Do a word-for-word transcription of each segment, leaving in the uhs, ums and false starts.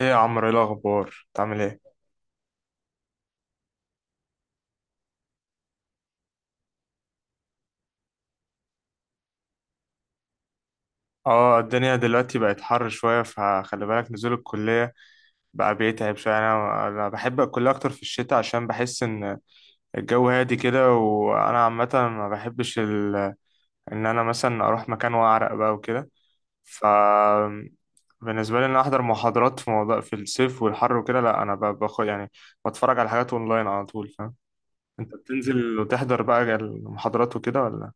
ايه يا عمرو، ايه الاخبار؟ بتعمل ايه؟ اه، الدنيا دلوقتي بقت حر شويه، فخلي بالك نزول الكليه بقى بيتعب شويه. انا انا بحب الكليه اكتر في الشتاء، عشان بحس ان الجو هادي كده. وانا عامه ما بحبش ال... ان انا مثلا اروح مكان واعرق بقى وكده. ف بالنسبه لي ان أنا احضر محاضرات في موضوع في الصيف والحر وكده، لا انا ب- باخد يعني بتفرج على حاجات اونلاين على طول، فاهم؟ انت بتنزل وتحضر بقى المحاضرات وكده ولا؟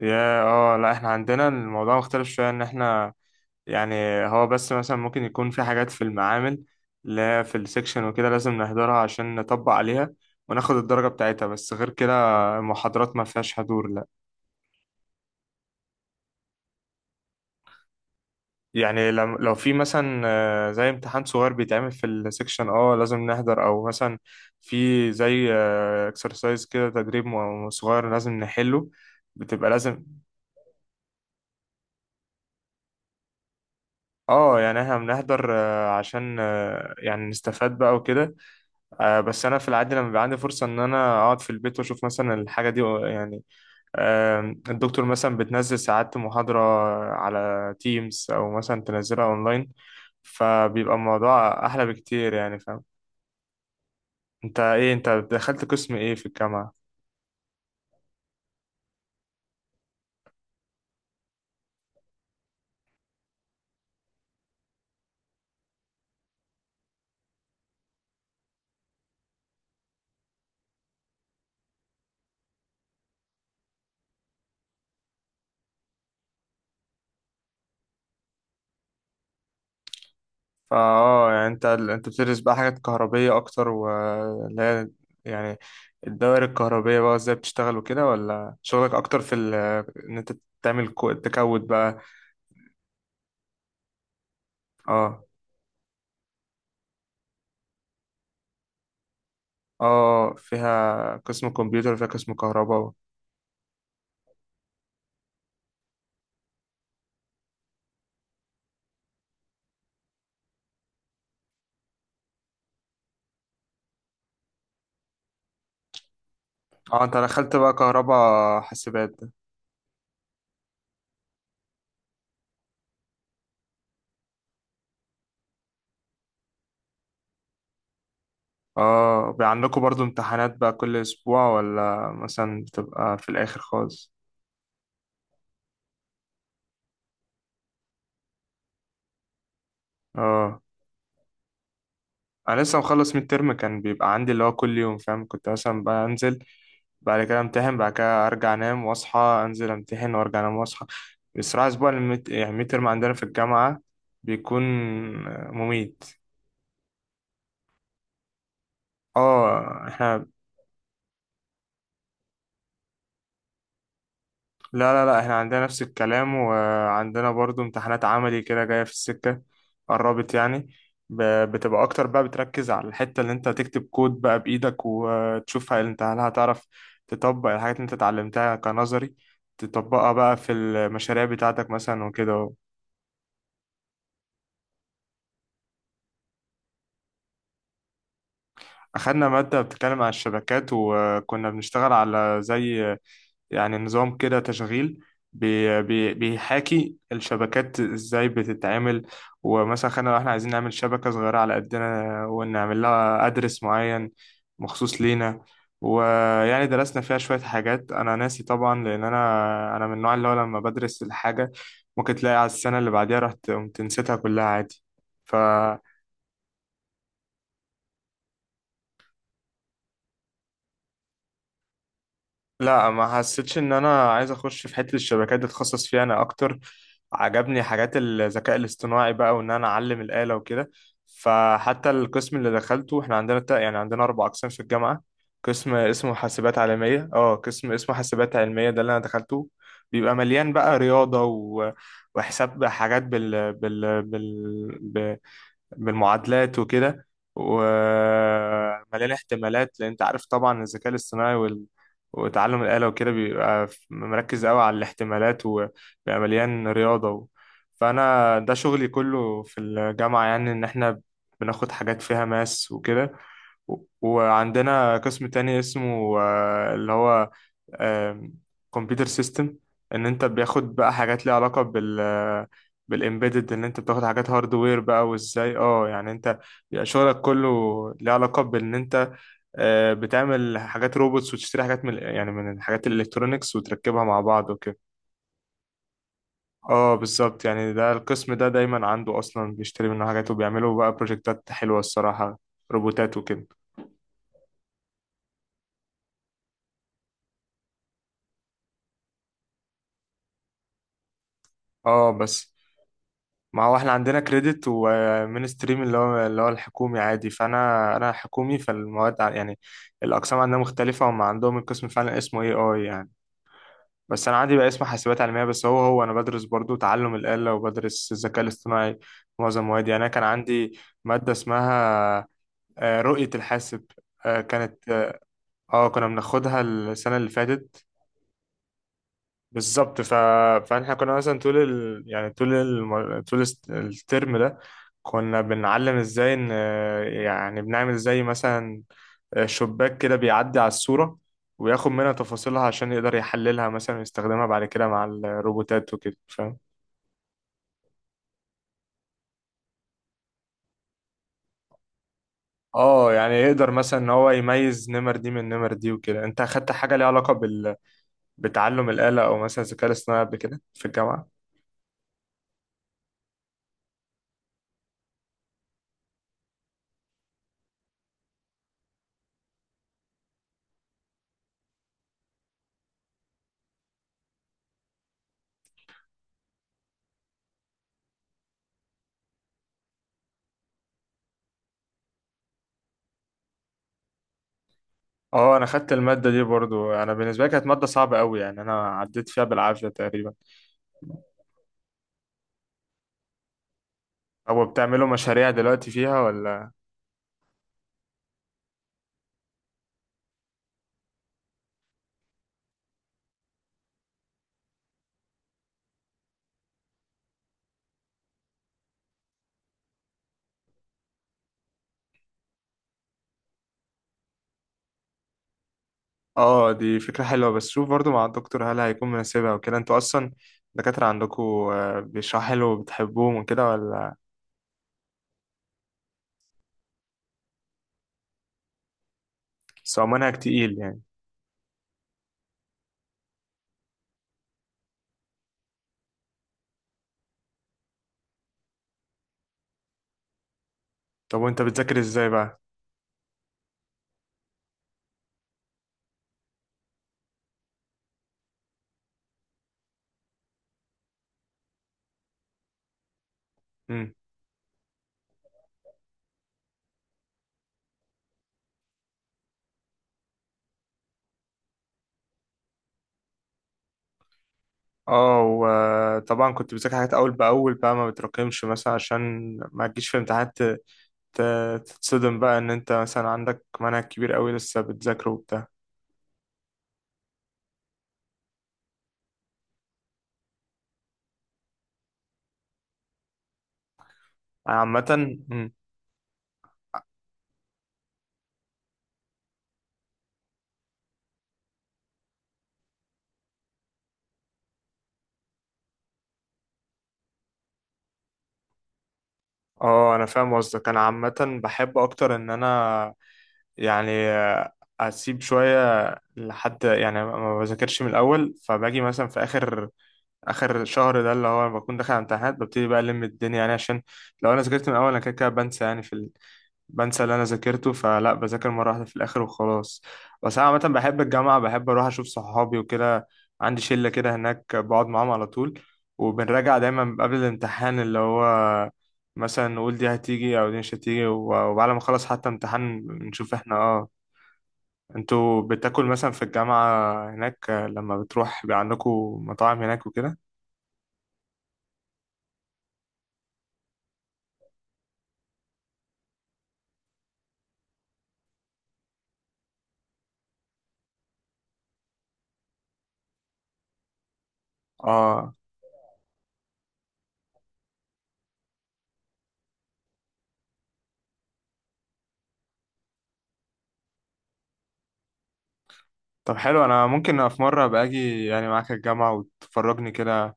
يا اه لا، احنا عندنا الموضوع مختلف شوية، ان احنا يعني هو بس مثلا ممكن يكون في حاجات في المعامل اللي هي في السكشن وكده، لازم نحضرها عشان نطبق عليها وناخد الدرجة بتاعتها. بس غير كده المحاضرات ما فيهاش حضور، لا. يعني لم- لو في مثلا آه، زي امتحان صغير بيتعمل في السكشن، اه لازم نحضر. او مثلا في زي اكسرسايز كده، تدريب م- صغير لازم نحله، بتبقى لازم. اه يعني احنا بنحضر آه، عشان آه، يعني نستفاد بقى وكده. آه بس انا في العادي لما بيبقى عندي فرصه ان انا اقعد في البيت واشوف مثلا الحاجه دي يعني، آه، الدكتور مثلا بتنزل ساعات محاضره على تيمز، او مثلا تنزلها اونلاين، فبيبقى الموضوع احلى بكتير، يعني فاهم. انت ايه؟ انت دخلت قسم ايه في الجامعه؟ فا اه يعني انت انت بتدرس بقى حاجات كهربيه اكتر، واللي هي يعني الدوائر الكهربيه بقى ازاي بتشتغل وكده، ولا شغلك اكتر في ال- ان انت تعمل كو- تكود بقى؟ اه اه، فيها قسم كمبيوتر وفيها قسم كهرباء. اه انت دخلت بقى كهرباء حاسبات ده. اه بقى عندكم برضو امتحانات بقى كل اسبوع، ولا مثلا بتبقى في الاخر خالص؟ اه انا لسه مخلص من الترم. كان بيبقى عندي اللي هو كل يوم، فاهم؟ كنت مثلا بقى انزل بعد كده امتحن، بعد كده ارجع انام واصحى انزل امتحن وارجع انام واصحى. بصراحة اسبوع الميت... يعني الميد ترم عندنا في الجامعة بيكون مميت. اه احنا لا لا لا احنا عندنا نفس الكلام، وعندنا برضو امتحانات عملي كده جاية في السكة، قربت يعني. ب- بتبقى اكتر بقى، بتركز على الحتة اللي انت تكتب كود بقى بايدك، وتشوف هل انت هل هتعرف تطبق الحاجات اللي انت اتعلمتها كنظري، تطبقها بقى في المشاريع بتاعتك مثلا وكده. أخدنا مادة بتتكلم عن الشبكات، وكنا بنشتغل على زي يعني نظام كده تشغيل بي بي بيحاكي الشبكات ازاي بتتعمل، ومثلا خلينا لو احنا عايزين نعمل شبكة صغيرة على قدنا ونعمل لها ادرس معين مخصوص لينا. ويعني درسنا فيها شوية حاجات، أنا ناسي طبعا، لأن أنا أنا من النوع اللي هو لما بدرس الحاجة ممكن تلاقي على السنة اللي بعديها رحت قمت نسيتها كلها عادي. ف لا، ما حسيتش ان انا عايز اخش في حته الشبكات دي، اتخصص فيها انا اكتر. عجبني حاجات الذكاء الاصطناعي بقى، وان انا اعلم الاله وكده. فحتى القسم اللي دخلته، احنا عندنا تا- يعني عندنا اربع اقسام في الجامعه. قسم اسمه حاسبات عالميه، اه، قسم اسمه حاسبات علميه ده اللي انا دخلته، بيبقى مليان بقى رياضه و... وحساب حاجات بال... بال... بال... بالمعادلات وكده، ومليان احتمالات، لان انت عارف طبعا الذكاء الاصطناعي وال... وتعلم الآلة وكده بيبقى ف- مركز قوي على الاحتمالات، وبيبقى مليان رياضة و... فأنا ده شغلي كله في الجامعة، يعني إن إحنا بناخد حاجات فيها ماس وكده. و- وعندنا قسم تاني اسمه آه، اللي هو كمبيوتر سيستم، ان انت بياخد بقى حاجات ليها علاقة بال بالامبيدد، ان انت بتاخد حاجات هاردوير بقى، وازاي اه يعني انت بيبقى شغلك كله ليه علاقة بان انت آه، بتعمل حاجات روبوتس وتشتري حاجات من يعني من الحاجات الالكترونيكس وتركبها مع بعض وكده. اه بالظبط، يعني ده القسم ده دايما عنده اصلا بيشتري منه حاجات، وبيعملوا بقى بروجكتات حلوة الصراحة، روبوتات وكده. اه بس ما هو احنا عندنا كريدت ومين ستريم، اللي هو اللي هو الحكومي عادي، فانا انا حكومي، فالمواد ع- يعني الاقسام عندنا مختلفه. هم عندهم القسم فعلا اسمه اي اي يعني، بس انا عندي بقى اسمه حاسبات علميه، بس هو هو انا بدرس برضو تعلم الاله وبدرس الذكاء الاصطناعي في معظم موادي. يعني انا كان عندي ماده اسمها آه، رؤيه الحاسب، آه، كانت اه آه، كنا بناخدها السنه اللي فاتت. بالظبط. ف... فاحنا كنا مثلا طول ال... يعني طول الم... طول الس- الترم ده كنا بنعلم ازاي ان يعني بنعمل زي مثلا شباك كده بيعدي على الصورة، وياخد منها تفاصيلها عشان يقدر يحللها مثلا ويستخدمها بعد كده مع الروبوتات وكده، فاهم. اه يعني يقدر مثلا ان هو يميز نمر دي من نمر دي وكده. انت اخدت حاجة ليها علاقة بال... بتعلم الآلة او مثلا الذكاء الاصطناعي قبل كده في الجامعة؟ اه انا خدت الماده دي برضو. انا بالنسبه لي كانت ماده صعبه قوي، يعني انا عديت فيها بالعافيه تقريبا. هو بتعملوا مشاريع دلوقتي فيها ولا؟ اه دي فكره حلوه، بس شوف برضو مع الدكتور هل هيكون مناسبها وكده. انتوا اصلا الدكاتره عندكم آه، بيشرحوا حلو وبتحبوهم وكده، ولا بس هو منهج تقيل يعني؟ طب وانت بتذاكر ازاي بقى؟ امم، اه وطبعا كنت بذاكر حاجات اول باول بقى، ما بتراكمش مثلا، عشان ما تجيش في امتحانات ت- ت- تتصدم بقى ان انت مثلا عندك منهج كبير قوي لسه بتذاكره وبتاع. أنا عامة مم. اه انا فاهم قصدك. انا عامة بحب اكتر ان انا يعني آه، اسيب شوية لحد يعني ما بذاكرش من الاول، فباجي مثلا في اخر اخر شهر ده اللي هو بكون داخل على امتحانات، ببتدي بقى الم الدنيا يعني، عشان لو انا ذاكرت من الاول انا كده كده بنسى يعني. في بنسى اللي انا ذاكرته، فلا بذاكر مره واحده في الاخر وخلاص. بس انا عامه بحب الجامعه، بحب اروح اشوف صحابي وكده. عندي شله كده هناك بقعد معاهم على طول، وبنراجع دايما قبل الامتحان اللي هو مثلا نقول دي هتيجي او دي مش هتيجي. و- وبعد ما نخلص حتى امتحان نشوف احنا اه. انتوا بتاكل مثلا في الجامعه هناك لما بتروح؟ بيبقى عندكم مطاعم هناك وكده؟ اه طب حلو، انا ممكن في مره ابقى اجي يعني معاك الجامعه وتفرجني كده،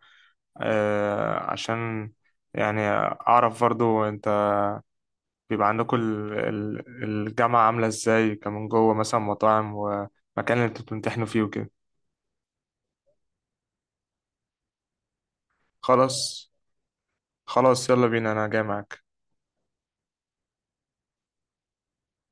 آه، عشان يعني أعرف برضو أنت بيبقى عندكم ال- ال- الجامعة عاملة إزاي كمان جوه، مثلا مطاعم ومكان اللي أنتوا بتمتحنوا فيه وكده. خلاص خلاص، يلا بينا، أنا جاي معاك.